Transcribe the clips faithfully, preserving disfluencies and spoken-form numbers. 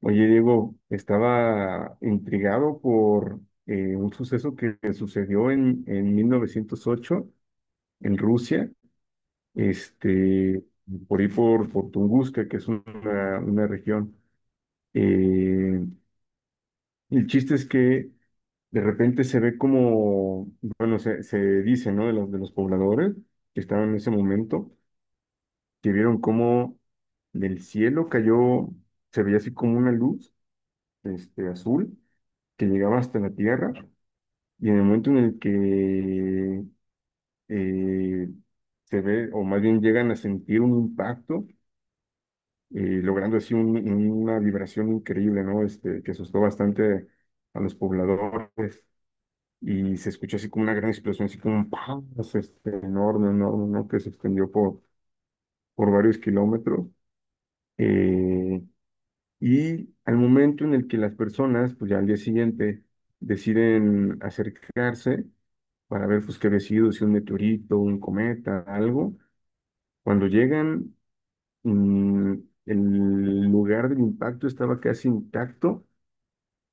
Oye, Diego, estaba intrigado por eh, un suceso que sucedió en, en mil novecientos ocho en Rusia, este, por ahí por, por Tunguska, que es una, una región. Eh, el chiste es que de repente se ve como, bueno, se, se dice, ¿no? De los, de los pobladores que estaban en ese momento, que vieron cómo del cielo cayó, se veía así como una luz, este, azul, que llegaba hasta la tierra. Y en el momento en el que eh, se ve, o más bien llegan a sentir un impacto, eh, logrando así un- una vibración increíble, ¿no? Este, que asustó bastante a los pobladores. Y se escuchó así como una gran explosión, así como un ¡pam! Así, este, enorme, enorme, ¿no? Que se extendió por, por varios kilómetros. Eh, y al momento en el que las personas, pues ya al día siguiente, deciden acercarse, para ver pues, qué había sido, si un meteorito, un cometa, algo. Cuando llegan, mm, el lugar del impacto estaba casi intacto,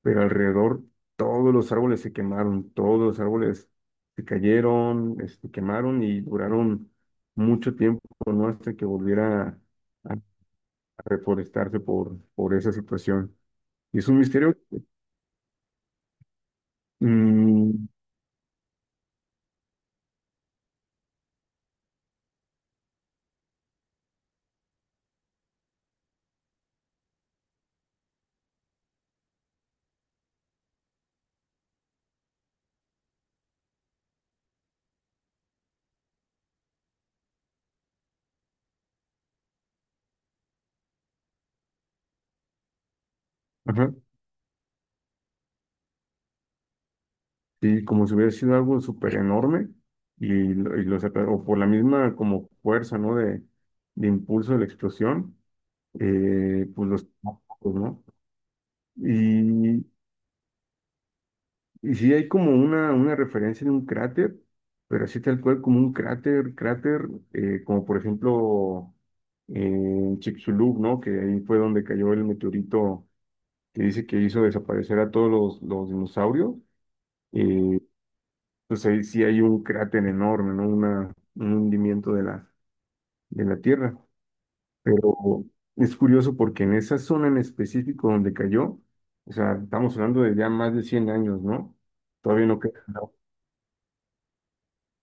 pero alrededor todos los árboles se quemaron, todos los árboles se cayeron, se quemaron y duraron mucho tiempo, ¿no? Hasta que volviera a, a reforestarse por, por esa situación. Y es un misterio. Mm, ajá. Sí, como si hubiera sido algo súper enorme y, lo- y lo saca- o por la misma como fuerza, ¿no? De, de impulso de la explosión, eh, pues los tacos, ¿no? Y, y sí hay como una, una referencia de un cráter, pero así tal cual como un cráter, cráter, eh, como por ejemplo eh, en Chicxulub, ¿no? Que ahí fue donde cayó el meteorito que dice que hizo desaparecer a todos los, los dinosaurios. eh, pues ahí sí hay un cráter enorme, ¿no? Una, un hundimiento de la, de la Tierra. Pero es curioso porque en esa zona en específico donde cayó, o sea, estamos hablando de ya más de cien años, ¿no? Todavía no crece, ¿no?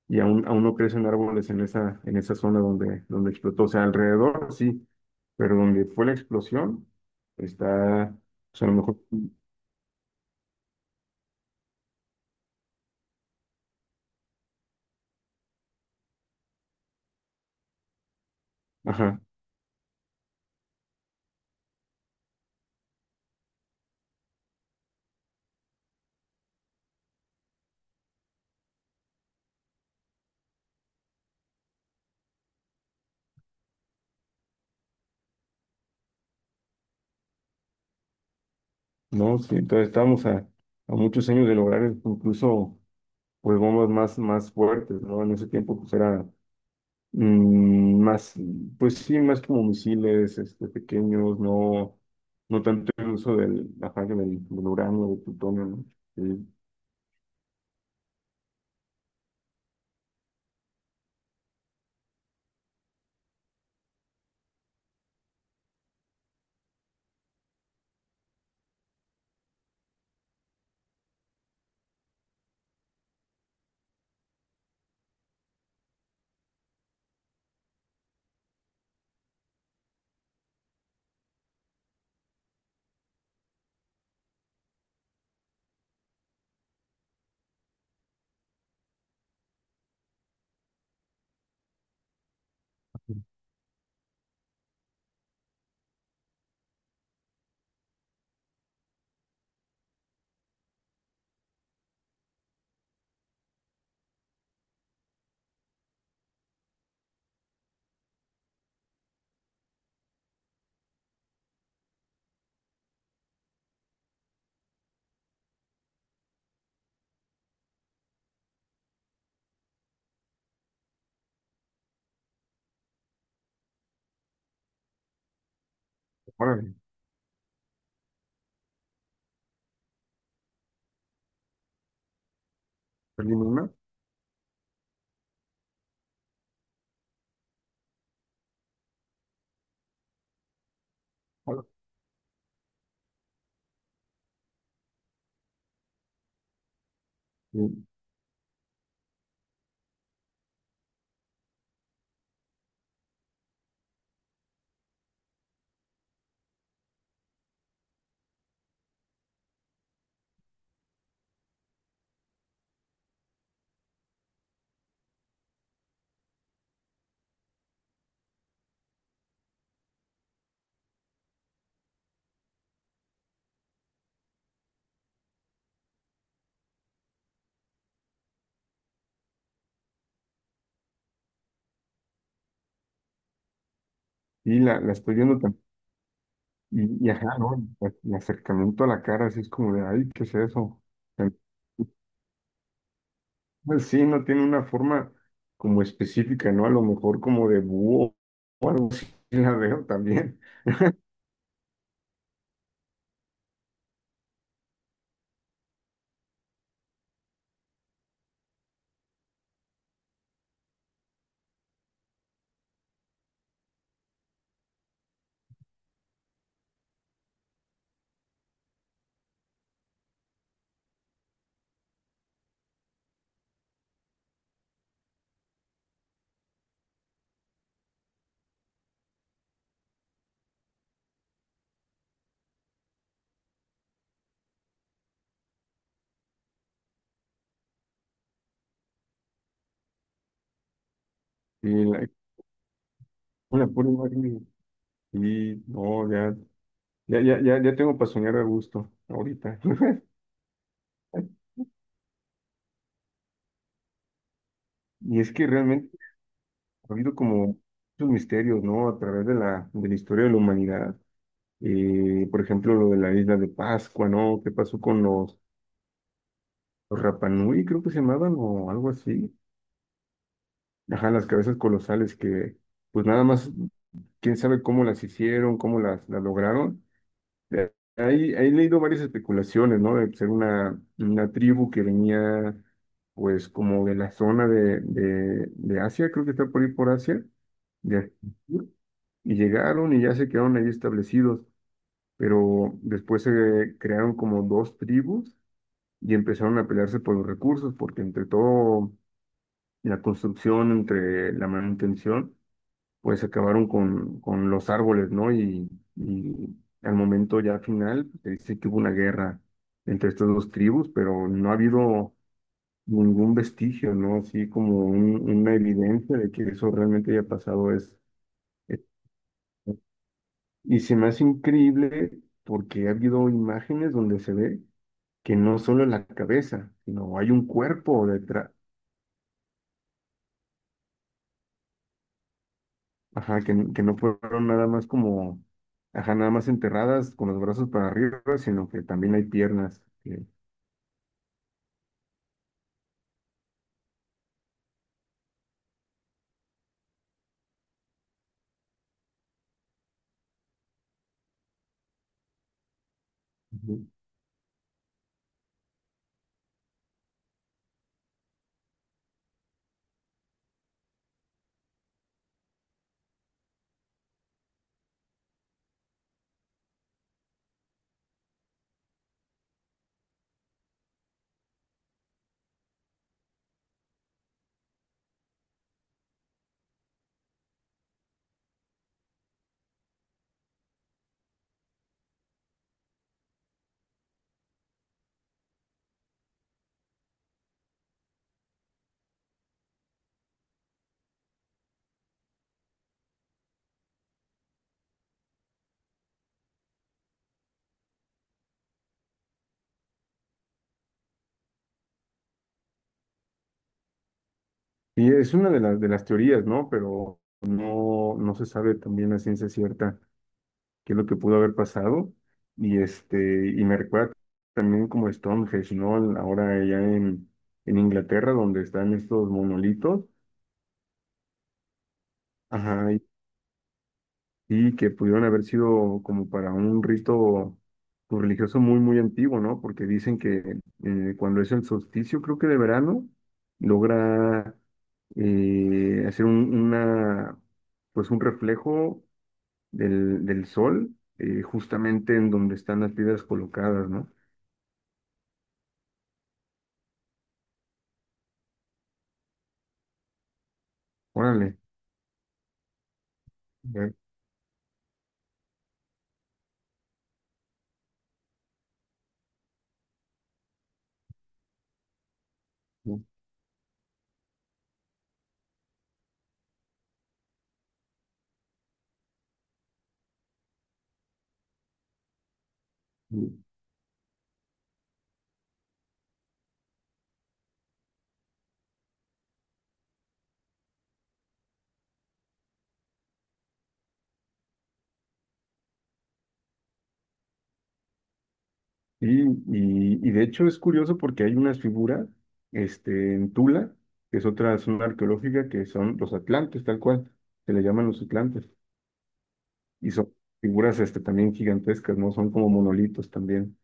Y aún, aún no crecen árboles en esa, en esa zona donde, donde explotó. O sea, alrededor sí, pero donde fue la explosión, está, pues a lo mejor, ajá, ¿no? Sí, entonces estábamos a, a muchos años de lograr incluso pues bombas más, más fuertes, ¿no? En ese tiempo pues era mm, más, pues sí, más como misiles este, pequeños, no, no tanto el uso del, ajá, que del, del uranio, del plutonio, ¿no? Sí. Órale, perdí mi una. Hola. Sí, y la, la estoy viendo tan- y, y ajá, ¿no? El el acercamiento a la cara, así es como de, ay, ¿qué es eso? Pues sí, no tiene una forma como específica, ¿no? A lo mejor como de búho o algo así, la veo también. Y la- Una pura imagen. Y no, ya, ya, ya, ya, ya tengo para soñar a gusto ahorita. Y es que realmente ha habido como muchos misterios, ¿no? A través de la, de la historia de la humanidad. Eh, por ejemplo, lo de la Isla de Pascua, ¿no? ¿Qué pasó con los, los Rapa Nui, creo que se llamaban, o algo así? Ajá, las cabezas colosales que, pues nada más, quién sabe cómo las hicieron, cómo las, las lograron. De ahí, ahí he leído varias especulaciones, ¿no? De ser una, una tribu que venía, pues, como de la zona de, de, de Asia, creo que está por ir por Asia, de hacia el sur, y llegaron y ya se quedaron ahí establecidos, pero después se crearon como dos tribus y empezaron a pelearse por los recursos, porque entre todo, la construcción, entre la manutención, pues acabaron con, con los árboles, ¿no? Y, y al momento ya final pues, se dice que hubo una guerra entre estas dos tribus, pero no ha habido ningún vestigio, ¿no? Así como un- una evidencia de que eso realmente haya pasado es, es- Y se me hace increíble porque ha habido imágenes donde se ve que no solo es la cabeza, sino hay un cuerpo detrás. Ajá, que, n- que no fueron nada más como, ajá, nada más enterradas con los brazos para arriba, sino que también hay piernas que- Ujú. Y es una de las, de las teorías, ¿no? Pero no, no se sabe también la ciencia cierta qué es lo que pudo haber pasado. Y este, y me recuerda también como Stonehenge, ¿no? Ahora allá en, en Inglaterra, donde están estos monolitos. Ajá, y que pudieron haber sido como para un rito pues, religioso muy, muy antiguo, ¿no? Porque dicen que eh, cuando es el solsticio, creo que de verano, logra eh, hacer un, una, pues un reflejo del, del sol eh, justamente en donde están las piedras colocadas, ¿no? Órale. Ya, ya. Y, y, y de hecho es curioso porque hay unas figuras este, en Tula, que es otra zona arqueológica, que son los atlantes, tal cual, se le llaman los atlantes. Y son figuras este, también gigantescas, ¿no? Son como monolitos también.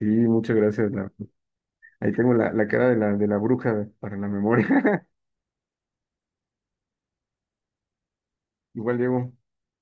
Y muchas gracias. la- Ahí tengo la, la cara de la, de la bruja para la memoria. Igual, Diego,